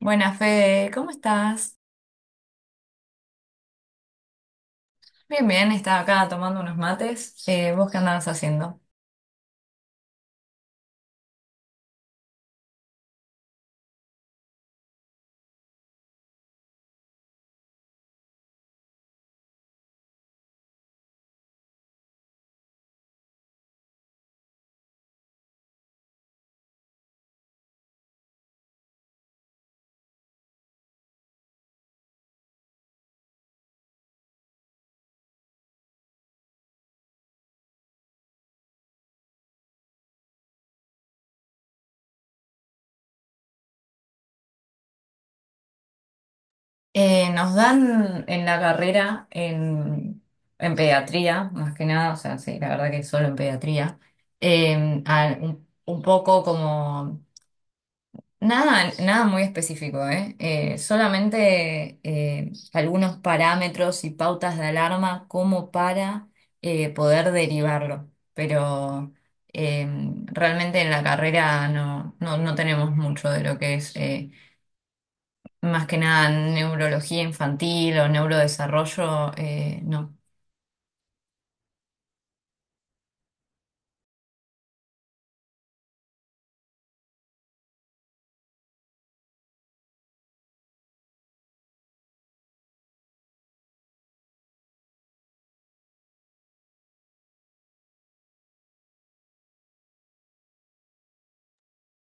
Buenas, Fede, ¿cómo estás? Bien, bien, estaba acá tomando unos mates. ¿Vos qué andabas haciendo? Nos dan en la carrera, en pediatría, más que nada, o sea, sí, la verdad que solo en pediatría, un poco como nada, nada muy específico, ¿eh? Solamente algunos parámetros y pautas de alarma como para poder derivarlo. Pero eh, realmente en la carrera no tenemos mucho de lo que es más que nada neurología infantil o neurodesarrollo, no.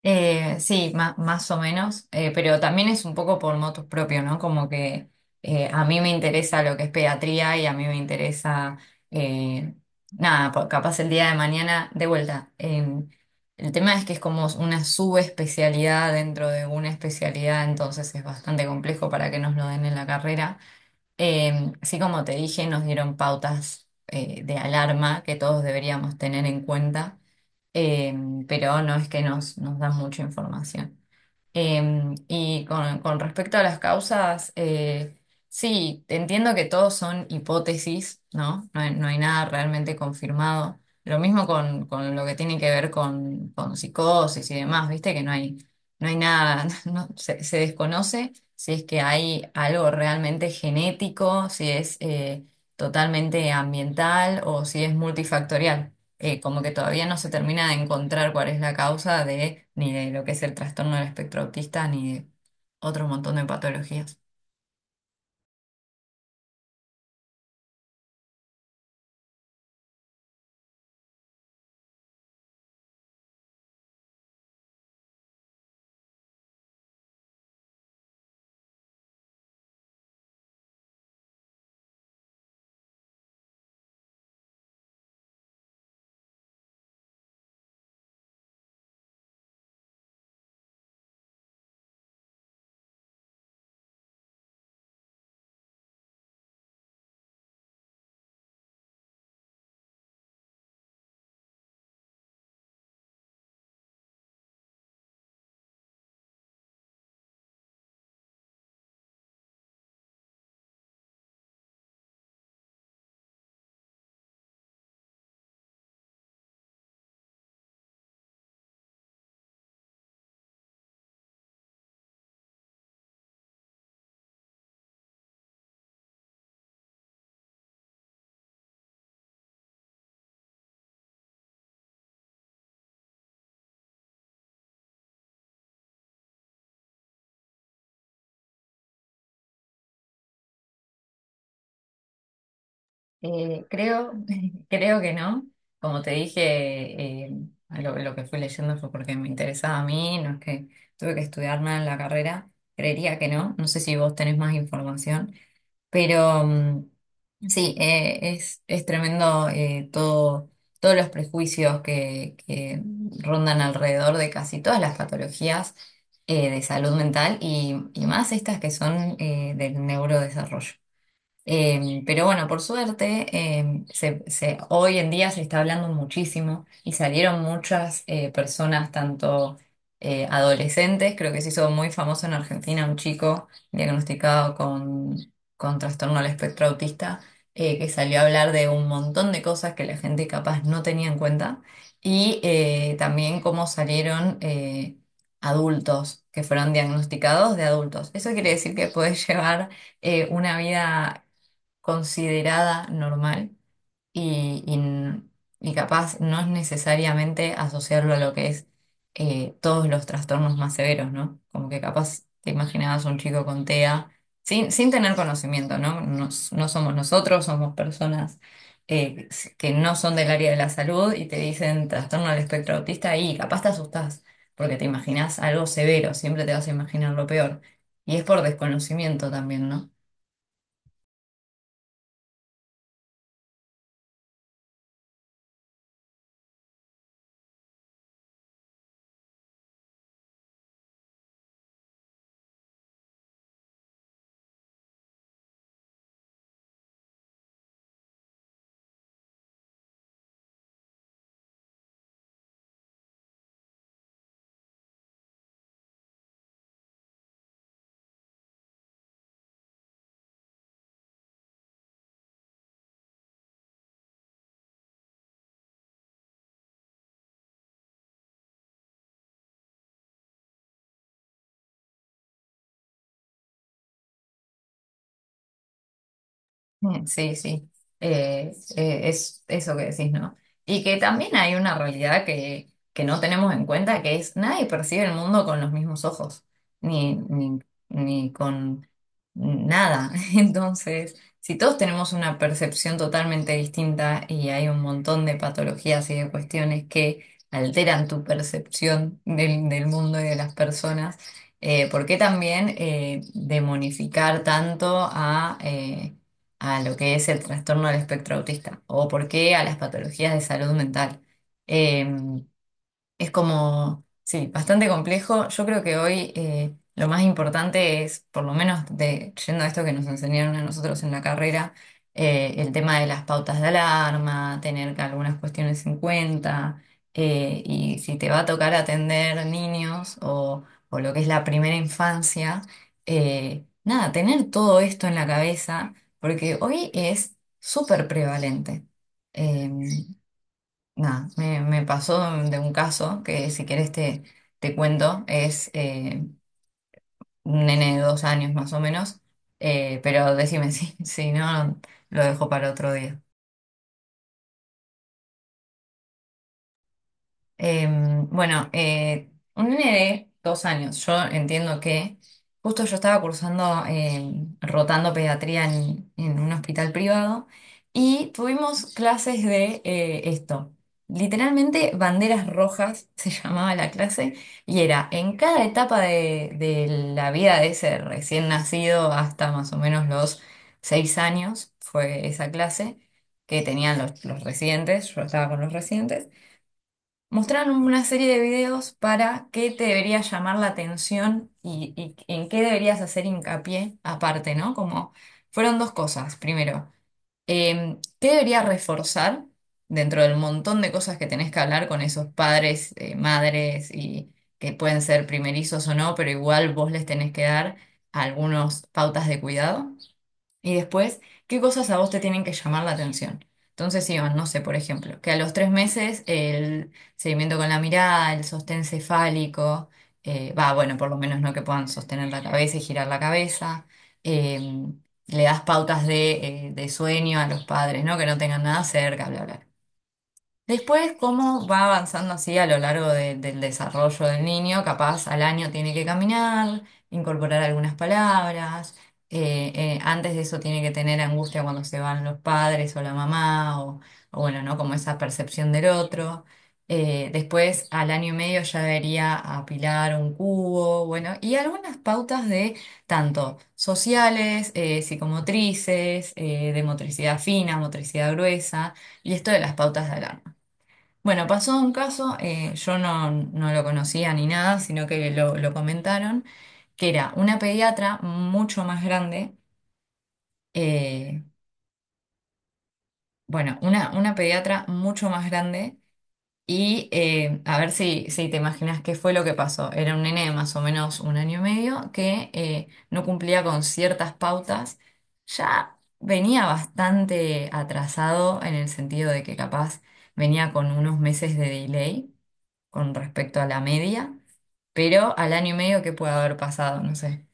Sí, más o menos, pero también es un poco por motus propio, ¿no? Como que a mí me interesa lo que es pediatría y a mí me interesa, eh, nada, capaz el día de mañana, de vuelta. El tema es que es como una subespecialidad dentro de una especialidad, entonces es bastante complejo para que nos lo den en la carrera. Eh, así como te dije, nos dieron pautas de alarma que todos deberíamos tener en cuenta, eh, pero no es que nos dan mucha información. Y con respecto a las causas, sí, entiendo que todos son hipótesis, ¿no? No hay nada realmente confirmado. Lo mismo con lo que tiene que ver con psicosis y demás, ¿viste? Que no hay nada, se desconoce si es que hay algo realmente genético, si es totalmente ambiental o si es multifactorial como que todavía no se termina de encontrar cuál es la causa de ni de lo que es el trastorno del espectro autista ni de otro montón de patologías. Creo, creo que no. Como te dije, lo que fui leyendo fue porque me interesaba a mí, no es que tuve que estudiar nada en la carrera. Creería que no. No sé si vos tenés más información. Pero sí, es tremendo todo, todos los prejuicios que rondan alrededor de casi todas las patologías de salud mental y más estas que son del neurodesarrollo. Pero bueno, por suerte, hoy en día se está hablando muchísimo y salieron muchas personas, tanto adolescentes, creo que se hizo muy famoso en Argentina un chico diagnosticado con trastorno al espectro autista, que salió a hablar de un montón de cosas que la gente capaz no tenía en cuenta y también cómo salieron adultos que fueron diagnosticados de adultos. Eso quiere decir que puedes llevar una vida considerada normal y, y n- y capaz no es necesariamente asociarlo a lo que es todos los trastornos más severos, ¿no? Como que capaz te imaginabas un chico con TEA sin tener conocimiento, ¿no? No somos nosotros, somos personas eh, que no son del área de la salud y te dicen trastorno del espectro autista y capaz te asustás porque te imaginas algo severo, siempre te vas a imaginar lo peor. Y es por desconocimiento también, ¿no? Mm, sí, sí, es eso que decís, ¿no? Y que también hay una realidad que no tenemos en cuenta, que es nadie percibe el mundo con los mismos ojos, ni, ni, ni con nada. Entonces, si todos tenemos una percepción totalmente distinta y hay un montón de patologías y de cuestiones que alteran tu percepción del mundo y de las personas, ¿por qué también demonificar tanto a lo que es el trastorno del espectro autista o por qué a las patologías de salud mental? Em, es como, sí, bastante complejo. Yo creo que hoy lo más importante es, por lo menos de, yendo a esto que nos enseñaron a nosotros en la carrera, el tema de las pautas de alarma, tener que algunas cuestiones en cuenta, y si te va a tocar atender niños o lo que es la primera infancia, nada, tener todo esto en la cabeza, porque hoy es súper prevalente. Nada, me pasó de un caso que si quieres te cuento, es un nene de 2 años más o menos, pero decime si, si no, lo dejo para otro día. Eh, bueno, un nene de 2 años, yo entiendo que justo yo estaba cursando, rotando pediatría en un hospital privado y tuvimos clases de esto. Literalmente banderas rojas se llamaba la clase y era en cada etapa de la vida de ese recién nacido hasta más o menos los 6 años, fue esa clase que tenían los residentes, yo estaba con los residentes. Mostraron una serie de videos para qué te debería llamar la atención y en qué deberías hacer hincapié aparte, ¿no? Como fueron dos cosas. Primero, ¿qué deberías reforzar dentro del montón de cosas que tenés que hablar con esos padres, madres y que pueden ser primerizos o no, pero igual vos les tenés que dar algunas pautas de cuidado? Y después, ¿qué cosas a vos te tienen que llamar la atención? Entonces, Iván, no sé, por ejemplo, que a los 3 meses el seguimiento con la mirada, el sostén cefálico, va, bueno, por lo menos no que puedan sostener la cabeza y girar la cabeza, eh, le das pautas de sueño a los padres, ¿no? Que no tengan nada cerca, bla, bla. Después, cómo va avanzando así a lo largo del desarrollo del niño, capaz al año tiene que caminar, incorporar algunas palabras, antes de eso tiene que tener angustia cuando se van los padres o la mamá, o bueno, ¿no? Como esa percepción del otro. Después, al año y medio ya debería apilar un cubo, bueno, y algunas pautas de tanto sociales, psicomotrices, de motricidad fina, motricidad gruesa, y esto de las pautas de alarma. Bueno, pasó un caso, yo no lo conocía ni nada, sino que lo comentaron, que era una pediatra mucho más grande, eh, bueno, una pediatra mucho más grande y a ver si te imaginas qué fue lo que pasó. Era un nene de más o menos un año y medio que no cumplía con ciertas pautas, ya venía bastante atrasado en el sentido de que capaz venía con unos meses de delay con respecto a la media. Pero al año y medio, ¿qué puede haber pasado? No sé.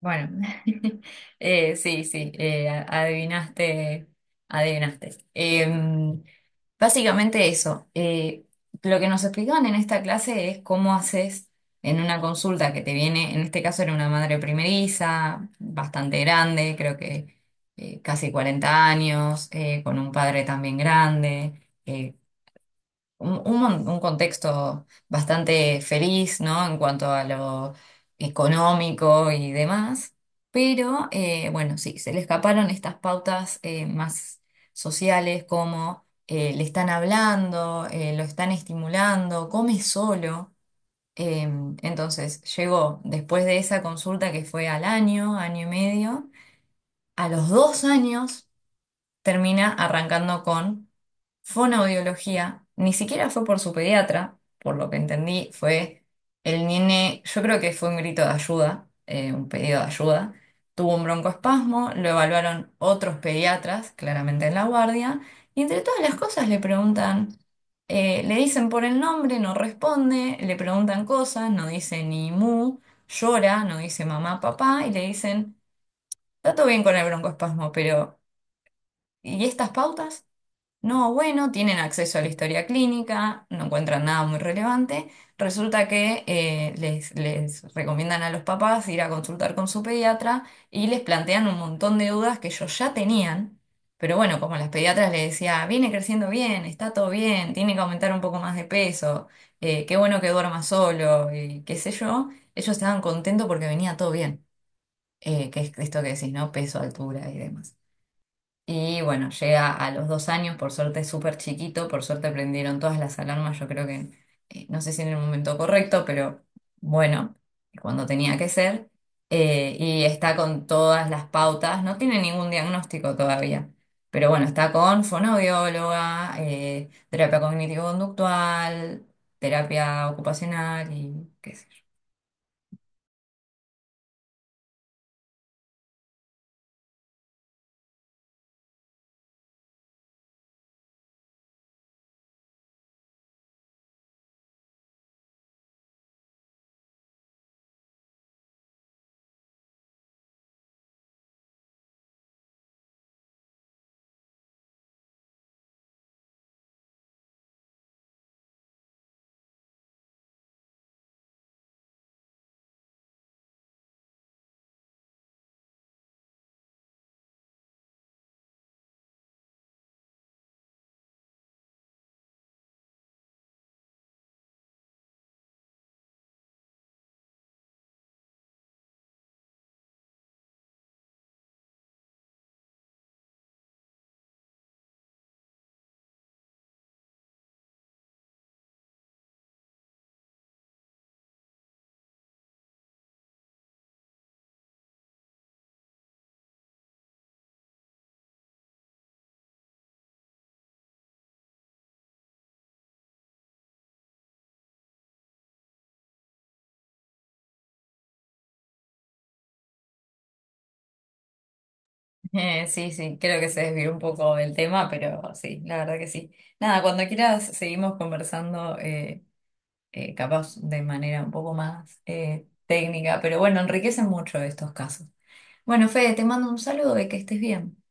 Bueno, sí, sí, adivinaste, adivinaste. Básicamente eso, lo que nos explicaban en esta clase es cómo haces en una consulta que te viene, en este caso era una madre primeriza, bastante grande, creo que casi 40 años, con un padre también grande un un contexto bastante feliz, ¿no? En cuanto a lo económico y demás. Pero bueno, sí, se le escaparon estas pautas más sociales como le están hablando, lo están estimulando, come solo. Eh, entonces llegó después de esa consulta que fue al año, año y medio, a los 2 años termina arrancando con Fonoaudiología, ni siquiera fue por su pediatra, por lo que entendí, fue el nene, yo creo que fue un grito de ayuda, un pedido de ayuda. Tuvo un broncoespasmo, lo evaluaron otros pediatras, claramente en la guardia, y entre todas las cosas le preguntan, le dicen por el nombre, no responde, le preguntan cosas, no dice ni mu, llora, no dice mamá, papá, y le dicen, está todo bien con el broncoespasmo, pero ¿y estas pautas? No, bueno, tienen acceso a la historia clínica, no encuentran nada muy relevante. Resulta que les recomiendan a los papás ir a consultar con su pediatra y les plantean un montón de dudas que ellos ya tenían, pero bueno, como las pediatras les decía, viene creciendo bien, está todo bien, tiene que aumentar un poco más de peso, qué bueno que duerma solo y qué sé yo, ellos estaban contentos porque venía todo bien, que es esto que decís, ¿no? Peso, altura y demás. Y bueno, llega a los 2 años, por suerte es súper chiquito, por suerte prendieron todas las alarmas, yo creo que, no sé si en el momento correcto, pero bueno, cuando tenía que ser, y está con todas las pautas, no tiene ningún diagnóstico todavía, pero bueno, está con fonoaudióloga, terapia cognitivo-conductual, terapia ocupacional y qué sé. Sí, sí, creo que se desvió un poco del tema, pero sí, la verdad que sí. Nada, cuando quieras seguimos conversando, capaz de manera un poco más técnica, pero bueno, enriquecen mucho estos casos. Bueno, Fede, te mando un saludo y que estés bien.